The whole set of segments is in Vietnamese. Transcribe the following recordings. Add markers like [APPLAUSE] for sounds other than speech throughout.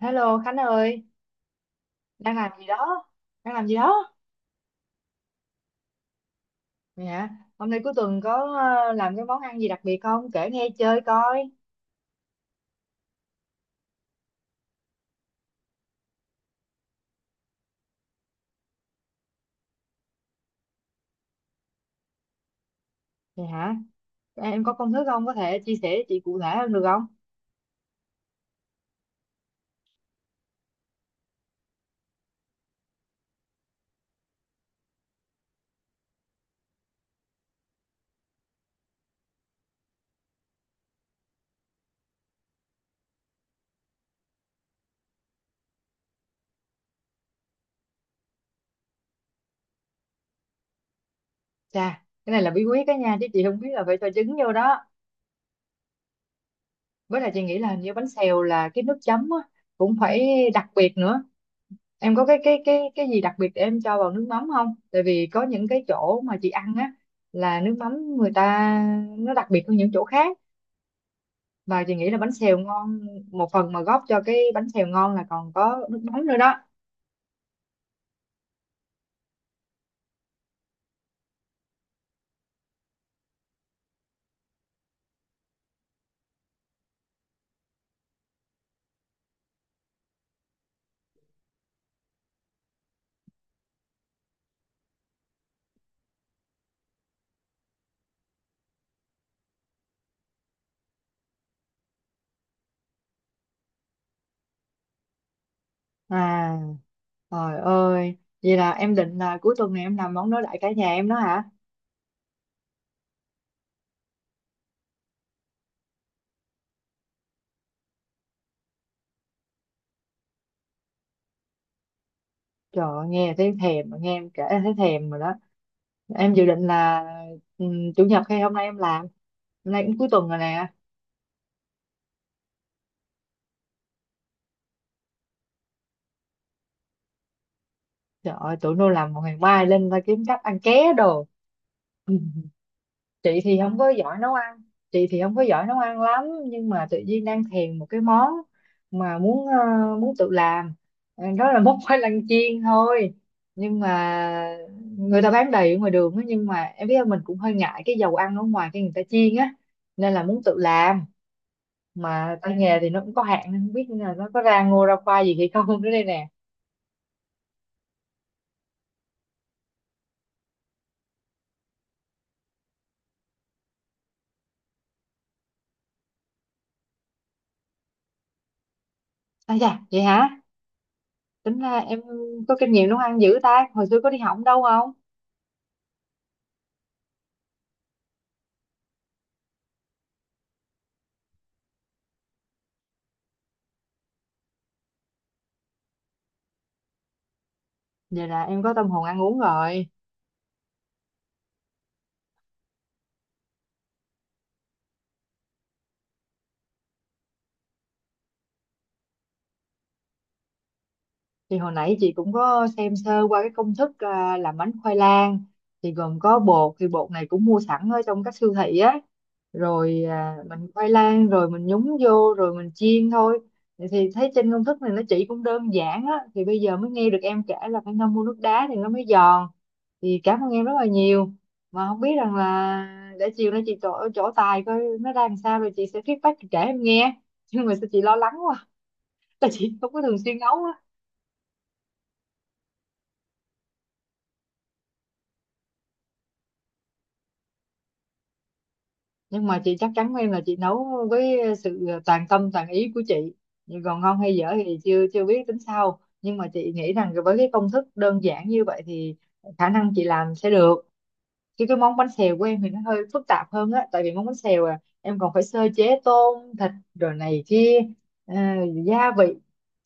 Hello Khánh ơi, đang làm gì đó? Đang làm gì đó? Vậy hả? Hôm nay cuối tuần có làm cái món ăn gì đặc biệt không? Kể nghe chơi coi. Vậy hả? Em có công thức không? Có thể chia sẻ chị cụ thể hơn được không? Chà, cái này là bí quyết đó nha, chứ chị không biết là phải cho trứng vô đó. Với lại chị nghĩ là hình như bánh xèo là cái nước chấm á, cũng phải đặc biệt nữa. Em có cái gì đặc biệt để em cho vào nước mắm không? Tại vì có những cái chỗ mà chị ăn á là nước mắm người ta nó đặc biệt hơn những chỗ khác, và chị nghĩ là bánh xèo ngon một phần mà góp cho cái bánh xèo ngon là còn có nước mắm nữa đó. à Trời ơi, vậy là em định là cuối tuần này em làm món đối lại cả nhà em đó hả? Trời ơi, nghe thấy thèm, nghe em kể thấy thèm rồi đó. Em dự định là chủ nhật hay hôm nay em làm? Hôm nay cũng cuối tuần rồi nè. Trời ơi, tụi nó làm một ngày mai lên ta kiếm cách ăn ké đồ. Chị thì không có giỏi nấu ăn. Chị thì không có giỏi nấu ăn lắm, nhưng mà tự nhiên đang thèm một cái món mà muốn tự làm. Đó là [LAUGHS] món khoai lang chiên thôi, nhưng mà người ta bán đầy ở ngoài đường á, nhưng mà em biết không, mình cũng hơi ngại cái dầu ăn ở ngoài cái người ta chiên á, nên là muốn tự làm, mà tay nghề thì nó cũng có hạn nên không biết là nó có ra ngô ra khoai gì hay không [LAUGHS] nữa đây nè. Dạ vậy hả? Tính ra em có kinh nghiệm nấu ăn dữ ta, hồi xưa có đi học đâu không? Vậy là em có tâm hồn ăn uống rồi. Thì hồi nãy chị cũng có xem sơ qua cái công thức làm bánh khoai lang, thì gồm có bột, thì bột này cũng mua sẵn ở trong các siêu thị á, rồi mình khoai lang rồi mình nhúng vô rồi mình chiên thôi, thì thấy trên công thức này nó chỉ cũng đơn giản á, thì bây giờ mới nghe được em kể là phải ngâm mua nước đá thì nó mới giòn, thì cảm ơn em rất là nhiều, mà không biết rằng là để chiều nay chị chỗ chỗ tài coi nó ra làm sao rồi chị sẽ feedback, chị kể em nghe. Nhưng mà sao chị lo lắng quá, tại chị không có thường xuyên nấu. Nhưng mà chị chắc chắn với em là chị nấu với sự toàn tâm toàn ý của chị, nhưng còn ngon hay dở thì chưa chưa biết, tính sau, nhưng mà chị nghĩ rằng với cái công thức đơn giản như vậy thì khả năng chị làm sẽ được, chứ cái món bánh xèo của em thì nó hơi phức tạp hơn á, tại vì món bánh xèo em còn phải sơ chế tôm thịt rồi này kia, ờ, gia vị,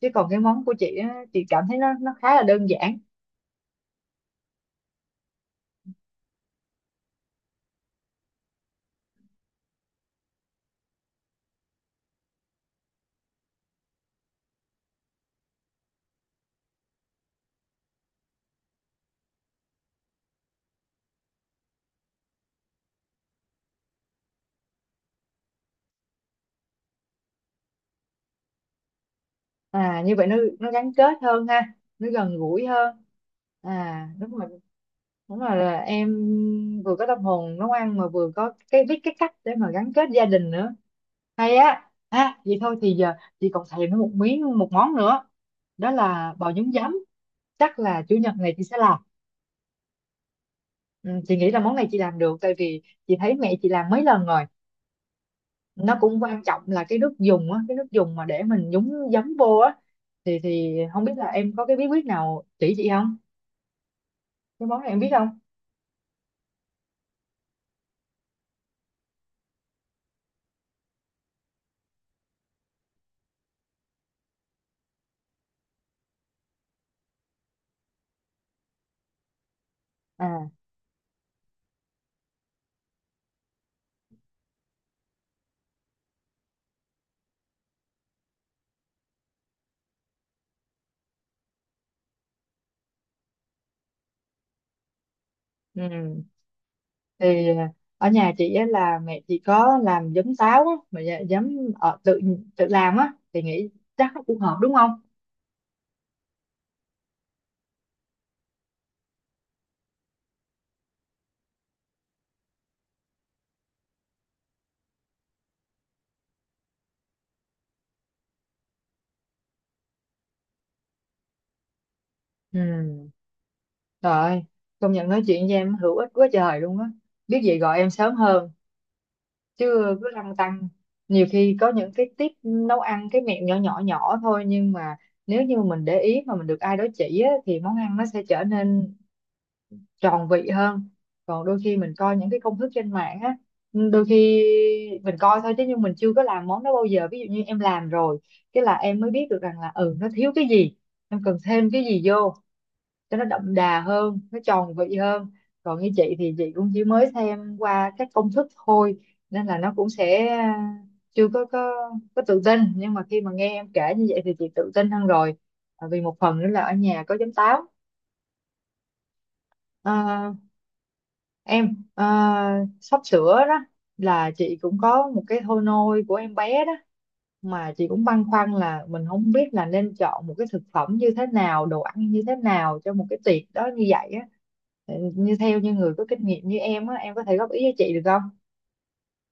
chứ còn cái món của chị á, chị cảm thấy nó khá là đơn giản. Như vậy nó gắn kết hơn ha, nó gần gũi hơn. Đúng rồi. Đúng rồi, là em vừa có tâm hồn nấu ăn mà vừa có cái biết cái cách để mà gắn kết gia đình nữa, hay á. Vậy thôi thì giờ chị còn thèm nó một miếng, một món nữa, đó là bò nhúng giấm. Chắc là chủ nhật này chị sẽ làm. Ừ, chị nghĩ là món này chị làm được, tại vì chị thấy mẹ chị làm mấy lần rồi. Nó cũng quan trọng là cái nước dùng á, cái nước dùng mà để mình nhúng giấm vô á, thì không biết là em có cái bí quyết nào chỉ chị không, cái món này em biết không? À. Ừ. Thì ở nhà chị á là mẹ chị có làm giấm táo á, mà giấm tự tự làm á, thì nghĩ chắc nó cũng hợp đúng không? Ừ. Trời ơi, công nhận nói chuyện với em hữu ích quá trời luôn á, biết gì gọi em sớm hơn chứ cứ lăn tăn. Nhiều khi có những cái tip nấu ăn, cái mẹo nhỏ nhỏ nhỏ thôi, nhưng mà nếu như mình để ý mà mình được ai đó chỉ á, thì món ăn nó sẽ trở nên tròn vị hơn. Còn đôi khi mình coi những cái công thức trên mạng á, ừ, đôi khi mình coi thôi chứ, nhưng mình chưa có làm món đó bao giờ, ví dụ như em làm rồi cái là em mới biết được rằng là ừ, nó thiếu cái gì, em cần thêm cái gì vô cho nó đậm đà hơn, nó tròn vị hơn. Còn như chị thì chị cũng chỉ mới xem qua các công thức thôi, nên là nó cũng sẽ chưa có tự tin, nhưng mà khi mà nghe em kể như vậy thì chị tự tin hơn rồi. À, vì một phần nữa là ở nhà có giấm táo. À, em sắp sửa đó, là chị cũng có một cái thôi nôi của em bé đó, mà chị cũng băn khoăn là mình không biết là nên chọn một cái thực phẩm như thế nào, đồ ăn như thế nào cho một cái tiệc đó như vậy á. Ừ, như theo như người có kinh nghiệm như em á, em có thể góp ý cho chị được,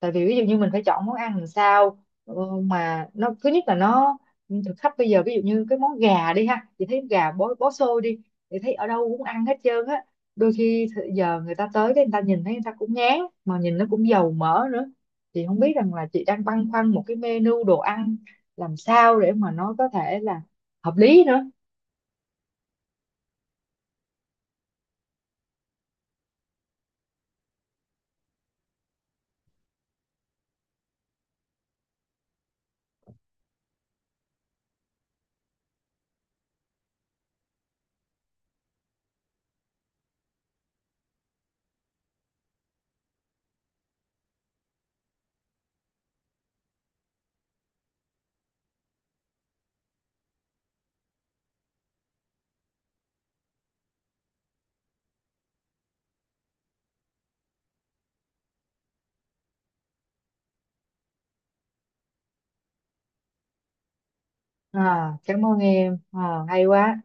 tại vì ví dụ như mình phải chọn món ăn làm sao, ờ, mà nó thứ nhất là nó, thực khách bây giờ, ví dụ như cái món gà đi ha, chị thấy gà bó bó xôi đi, chị thấy ở đâu cũng ăn hết trơn á, đôi khi giờ người ta tới cái người ta nhìn thấy người ta cũng ngán, mà nhìn nó cũng dầu mỡ nữa. Chị không biết rằng là chị đang băn khoăn một cái menu đồ ăn làm sao để mà nó có thể là hợp lý nữa. À, cảm ơn em, à, hay quá.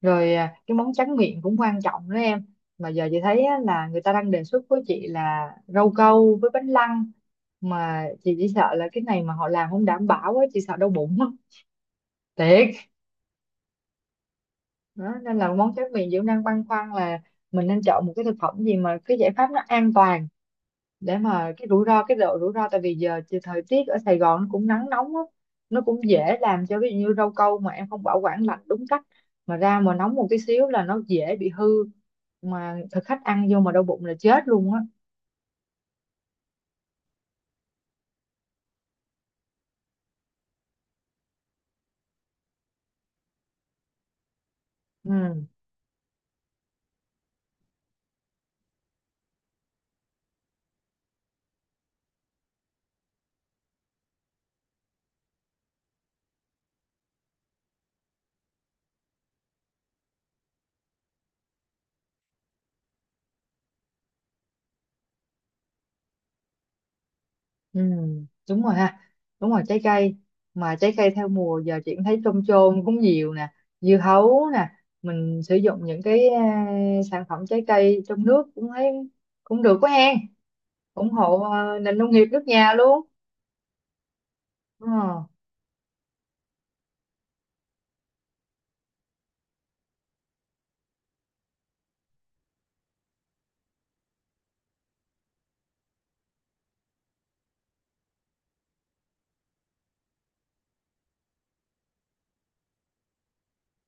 Rồi cái món tráng miệng cũng quan trọng đó em, mà giờ chị thấy á, là người ta đang đề xuất với chị là rau câu với bánh lăng, mà chị chỉ sợ là cái này mà họ làm không đảm bảo á, chị sợ đau bụng á thiệt. Đó, nên là món tráng miệng chị cũng đang băn khoăn là mình nên chọn một cái thực phẩm gì mà cái giải pháp nó an toàn, để mà cái rủi ro, cái độ rủi ro, tại vì giờ thì thời tiết ở Sài Gòn nó cũng nắng nóng á, nó cũng dễ làm cho, ví dụ như rau câu mà em không bảo quản lạnh đúng cách mà ra mà nóng một tí xíu là nó dễ bị hư, mà thực khách ăn vô mà đau bụng là chết luôn á. Ừ. Ừ, đúng rồi ha, đúng rồi, trái cây, mà trái cây theo mùa giờ chị cũng thấy trôm trôm cũng nhiều nè, dưa hấu nè, mình sử dụng những cái sản phẩm trái cây trong nước cũng thấy cũng được quá hen, ủng hộ nền nông nghiệp nước nhà luôn. Ờ,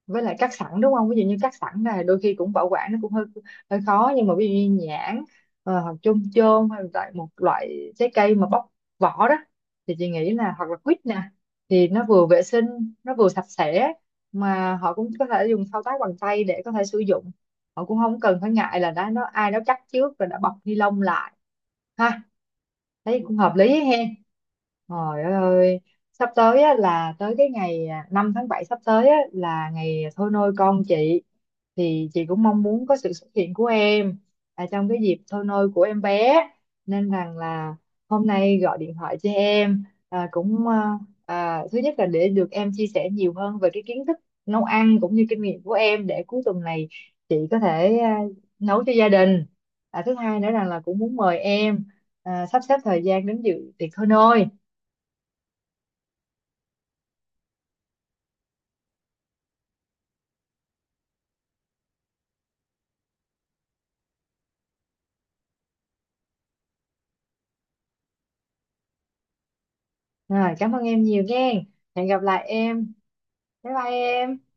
với lại cắt sẵn đúng không? Ví dụ như cắt sẵn này đôi khi cũng bảo quản nó cũng hơi hơi khó, nhưng mà ví dụ như nhãn, hoặc chôm chôm hay là một loại trái cây mà bóc vỏ đó, thì chị nghĩ là hoặc là quýt nè, thì nó vừa vệ sinh nó vừa sạch sẽ, mà họ cũng có thể dùng thao tác bằng tay để có thể sử dụng, họ cũng không cần phải ngại là đã nó ai đó cắt trước rồi đã bọc ni lông lại ha, thấy cũng hợp lý ấy hen. Trời ơi, ơi, sắp tới á, là tới cái ngày 5 tháng 7 sắp tới á, là ngày thôi nôi con chị, thì chị cũng mong muốn có sự xuất hiện của em trong cái dịp thôi nôi của em bé, nên rằng là hôm nay gọi điện thoại cho em cũng thứ nhất là để được em chia sẻ nhiều hơn về cái kiến thức nấu ăn cũng như kinh nghiệm của em để cuối tuần này chị có thể nấu cho gia đình, thứ hai nữa rằng là cũng muốn mời em sắp xếp thời gian đến dự tiệc thôi nôi. Rồi, cảm ơn em nhiều nghe. Hẹn gặp lại em. Bye bye em.